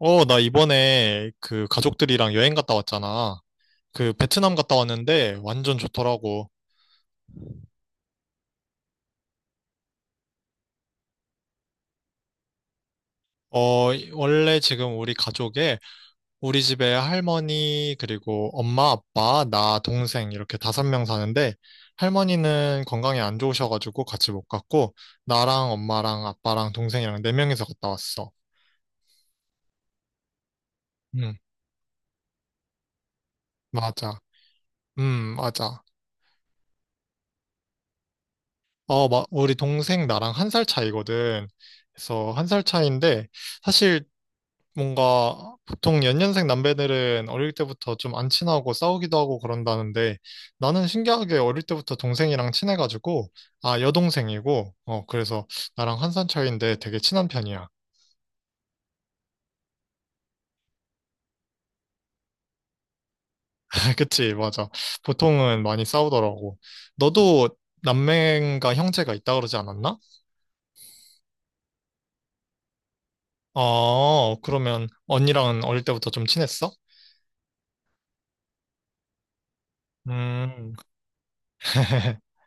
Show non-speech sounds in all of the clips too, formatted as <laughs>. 어, 나 이번에 그 가족들이랑 여행 갔다 왔잖아. 그 베트남 갔다 왔는데 완전 좋더라고. 어, 원래 지금 우리 가족에 우리 집에 할머니, 그리고 엄마, 아빠, 나, 동생 이렇게 5명 사는데 할머니는 건강이 안 좋으셔가지고 같이 못 갔고 나랑 엄마랑 아빠랑 동생이랑 4명이서 갔다 왔어. 음, 맞아. 맞아. 어, 우리 동생 나랑 1살 차이거든. 그래서 1살 차이인데 사실 뭔가 보통 연년생 남배들은 어릴 때부터 좀 안 친하고 싸우기도 하고 그런다는데 나는 신기하게 어릴 때부터 동생이랑 친해가지고 아, 여동생이고. 어, 그래서 나랑 1살 차이인데 되게 친한 편이야. <laughs> 그치, 맞아. 보통은 많이 싸우더라고. 너도 남매인가 형제가 있다 그러지 않았나? 아, 그러면 언니랑은 어릴 때부터 좀 친했어? 음. <laughs>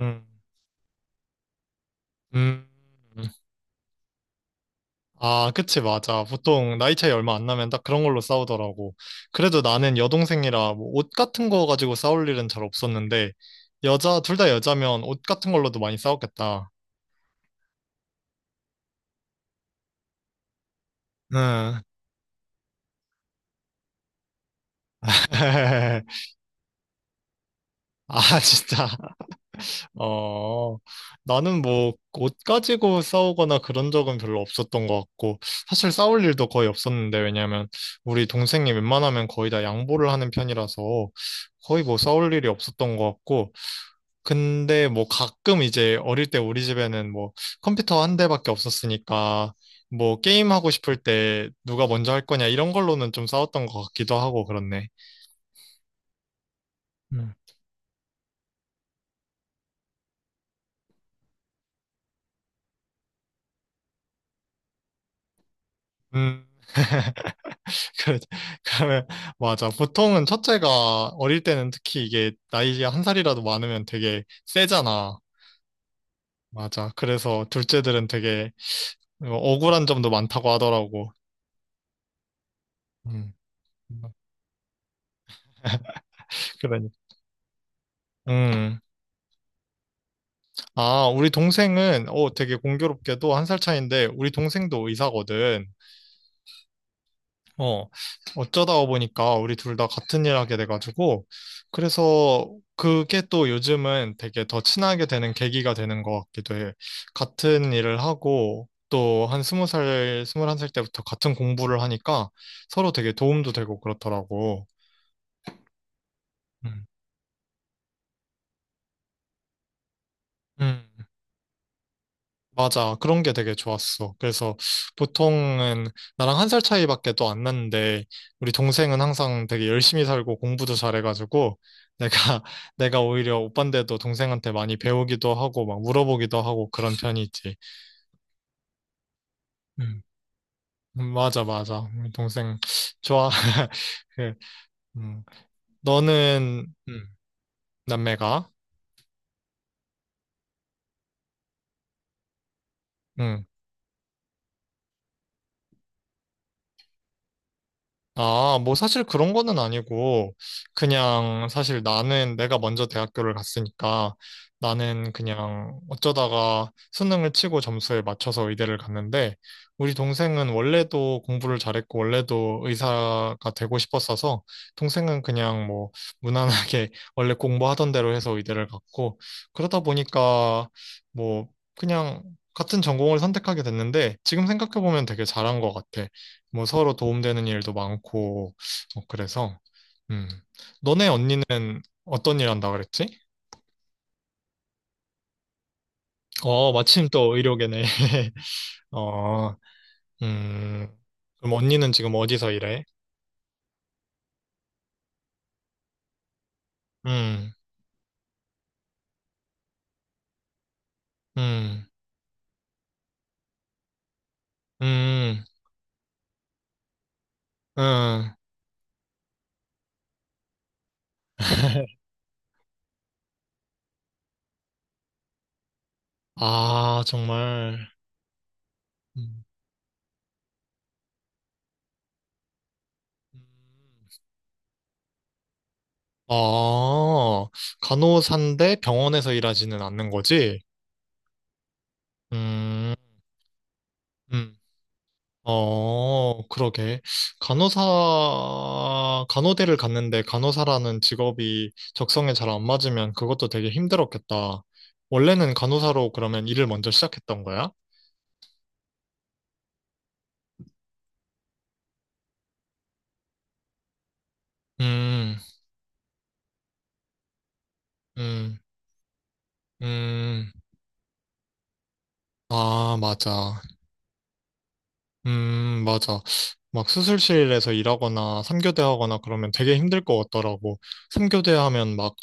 음. 음. 아, 그치, 맞아. 보통 나이 차이 얼마 안 나면 딱 그런 걸로 싸우더라고. 그래도 나는 여동생이라 뭐옷 같은 거 가지고 싸울 일은 잘 없었는데, 여자, 둘 다 여자면 옷 같은 걸로도 많이 싸웠겠다. 응. <laughs> 아, 진짜. 어, 나는 뭐, 옷 가지고 싸우거나 그런 적은 별로 없었던 것 같고, 사실 싸울 일도 거의 없었는데, 왜냐면, 우리 동생이 웬만하면 거의 다 양보를 하는 편이라서, 거의 뭐 싸울 일이 없었던 것 같고, 근데 뭐 가끔 이제 어릴 때 우리 집에는 뭐 컴퓨터 한 대밖에 없었으니까 뭐 게임하고 싶을 때 누가 먼저 할 거냐 이런 걸로는 좀 싸웠던 것 같기도 하고 그렇네. 음. 음. <laughs> 그래, 그러면 맞아. 보통은 첫째가 어릴 때는 특히 이게 나이가 1살이라도 많으면 되게 세잖아. 맞아. 그래서 둘째들은 되게 어, 억울한 점도 많다고 하더라고. 음. 그러니. 음. 아, 우리 동생은, 어, 되게 공교롭게도 1살 차인데 우리 동생도 의사거든. 어, 어쩌다 보니까 우리 둘 다 같은 일 하게 돼가지고, 그래서 그게 또 요즘은 되게 더 친하게 되는 계기가 되는 것 같기도 해. 같은 일을 하고, 또 한 20살, 21살 때부터 같은 공부를 하니까 서로 되게 도움도 되고 그렇더라고. 음. 음. 맞아. 그런 게 되게 좋았어. 그래서 보통은 나랑 1살 차이밖에 또 안 났는데 우리 동생은 항상 되게 열심히 살고 공부도 잘해가지고 내가 <laughs> 내가 오히려 오빠인데도 동생한테 많이 배우기도 하고 막 물어보기도 하고 그런 편이지. 음. 맞아, 맞아. 우리 동생 좋아. <laughs> 그, 음. 너는 남매가? 음. 아, 뭐 사실 그런 거는 아니고, 그냥 사실 나는 내가 먼저 대학교를 갔으니까 나는 그냥 어쩌다가 수능을 치고 점수에 맞춰서 의대를 갔는데, 우리 동생은 원래도 공부를 잘했고, 원래도 의사가 되고 싶었어서, 동생은 그냥 뭐 무난하게 <laughs> 원래 공부하던 대로 해서 의대를 갔고, 그러다 보니까 뭐 그냥 같은 전공을 선택하게 됐는데, 지금 생각해보면 되게 잘한 것 같아. 뭐 서로 도움되는 일도 많고, 어, 그래서, 음. 너네 언니는 어떤 일 한다 그랬지? 어, 마침 또 의료계네. <laughs> 어, 음. 그럼 언니는 지금 어디서 일해? 음, 음, 음, 음. <laughs> 아, 정말. 음. 음. 아, 간호사인데 병원에서 일하지는 않는 거지? 음, 음. 어, 그러게. 간호사, 간호대를 갔는데 간호사라는 직업이 적성에 잘 안 맞으면 그것도 되게 힘들었겠다. 원래는 간호사로 그러면 일을 먼저 시작했던 거야? 음, 음, 음, 아, 맞아. 맞아. 막 수술실에서 일하거나 삼교대 하거나 그러면 되게 힘들 것 같더라고. 삼교대 하면 막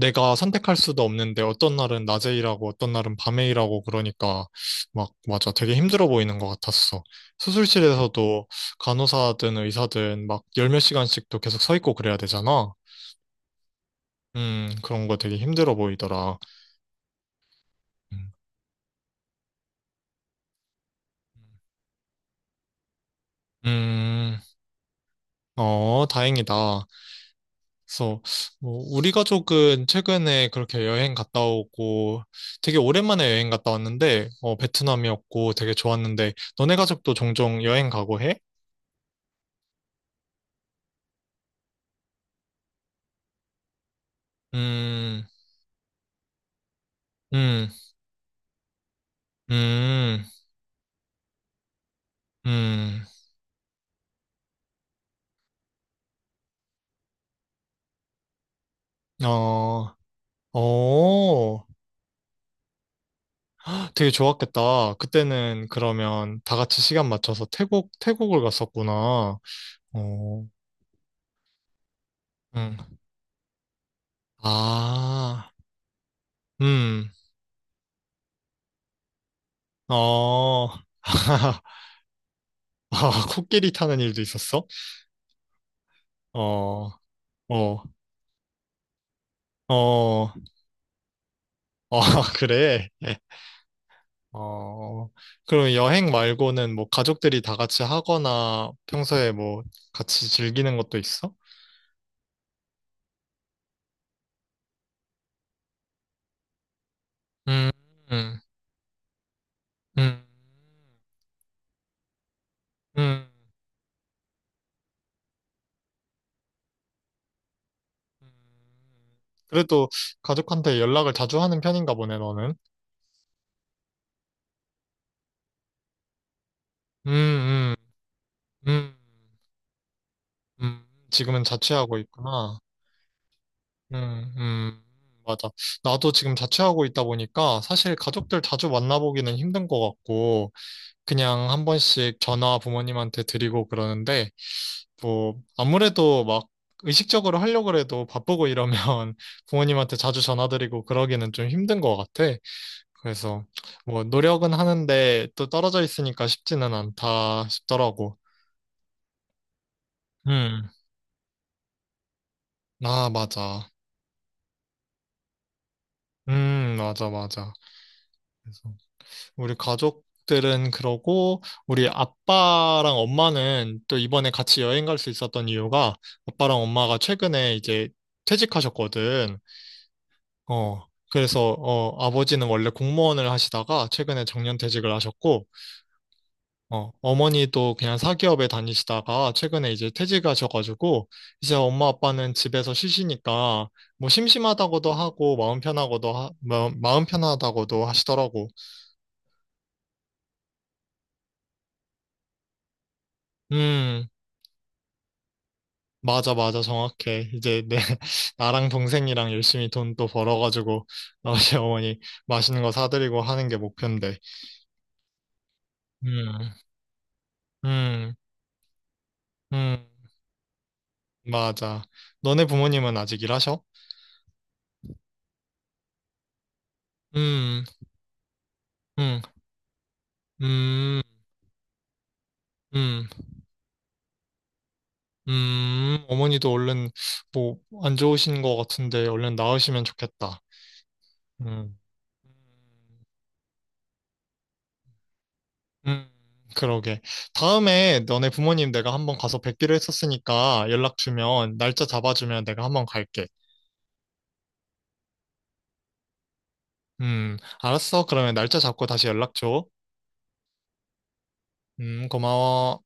내가 선택할 수도 없는데 어떤 날은 낮에 일하고 어떤 날은 밤에 일하고 그러니까 막, 맞아, 되게 힘들어 보이는 것 같았어. 수술실에서도 간호사든 의사든 막 열몇 시간씩도 계속 서 있고 그래야 되잖아. 그런 거 되게 힘들어 보이더라. 음, 음, 어, 다행이다. 그래서 뭐 우리 가족은 최근에 그렇게 여행 갔다 오고 되게 오랜만에 여행 갔다 왔는데 어, 베트남이었고 되게 좋았는데 너네 가족도 종종 여행 가고 해? 음, 음, 음, 음, 어, 어, 되게 좋았겠다. 그때는 그러면 다 같이 시간 맞춰서 태국을 갔었구나. 어, 음, 아, 음, 어, <laughs> 아, 코끼리 타는 일도 있었어? 어, 어, 어, 아, <laughs> 그래. 예. 어, 그럼 여행 말고는 뭐 가족들이 다 같이 하거나 평소에 뭐 같이 즐기는 것도 있어? 음, 음, 음, 음. 그래도 가족한테 연락을 자주 하는 편인가 보네, 너는. 음, 음, 음, 지금은 자취하고 있구나. 음, 음. 맞아. 나도 지금 자취하고 있다 보니까 사실 가족들 자주 만나보기는 힘든 것 같고, 그냥 한 번씩 전화 부모님한테 드리고 그러는데, 뭐 아무래도 막 의식적으로 하려고 해도 바쁘고 이러면 <laughs> 부모님한테 자주 전화드리고 그러기는 좀 힘든 것 같아. 그래서 뭐 노력은 하는데 또 떨어져 있으니까 쉽지는 않다 싶더라고. 음, 아, 맞아. 맞아, 맞아. 그래서 우리 가족들은 그러고 우리 아빠랑 엄마는 또 이번에 같이 여행 갈 수 있었던 이유가 아빠랑 엄마가 최근에 이제 퇴직하셨거든. 어, 그래서, 어, 아버지는 원래 공무원을 하시다가 최근에 정년 퇴직을 하셨고, 어, 어머니도 그냥 사기업에 다니시다가 최근에 이제 퇴직하셔가지고, 이제 엄마 아빠는 집에서 쉬시니까, 뭐 심심하다고도 하고, 마음 편하고도, 마음 편하다고도 하시더라고. 음, 맞아, 맞아, 정확해. 이제 <laughs> 나랑 동생이랑 열심히 돈 또 벌어가지고, <laughs> 아버지 어머니 맛있는 거 사드리고 하는 게 목표인데. 음, 음, 음. 맞아. 너네 부모님은 아직 일하셔? 음, 음, 음, 음, 어머니도 얼른 뭐 안 좋으신 것 같은데 얼른 나으시면 좋겠다. 음, 음, 음. 그러게. 다음에 너네 부모님 내가 한번 가서 뵙기로 했었으니까 연락 주면 날짜 잡아주면 내가 한번 갈게. 알았어. 그러면 날짜 잡고 다시 연락 줘. 고마워.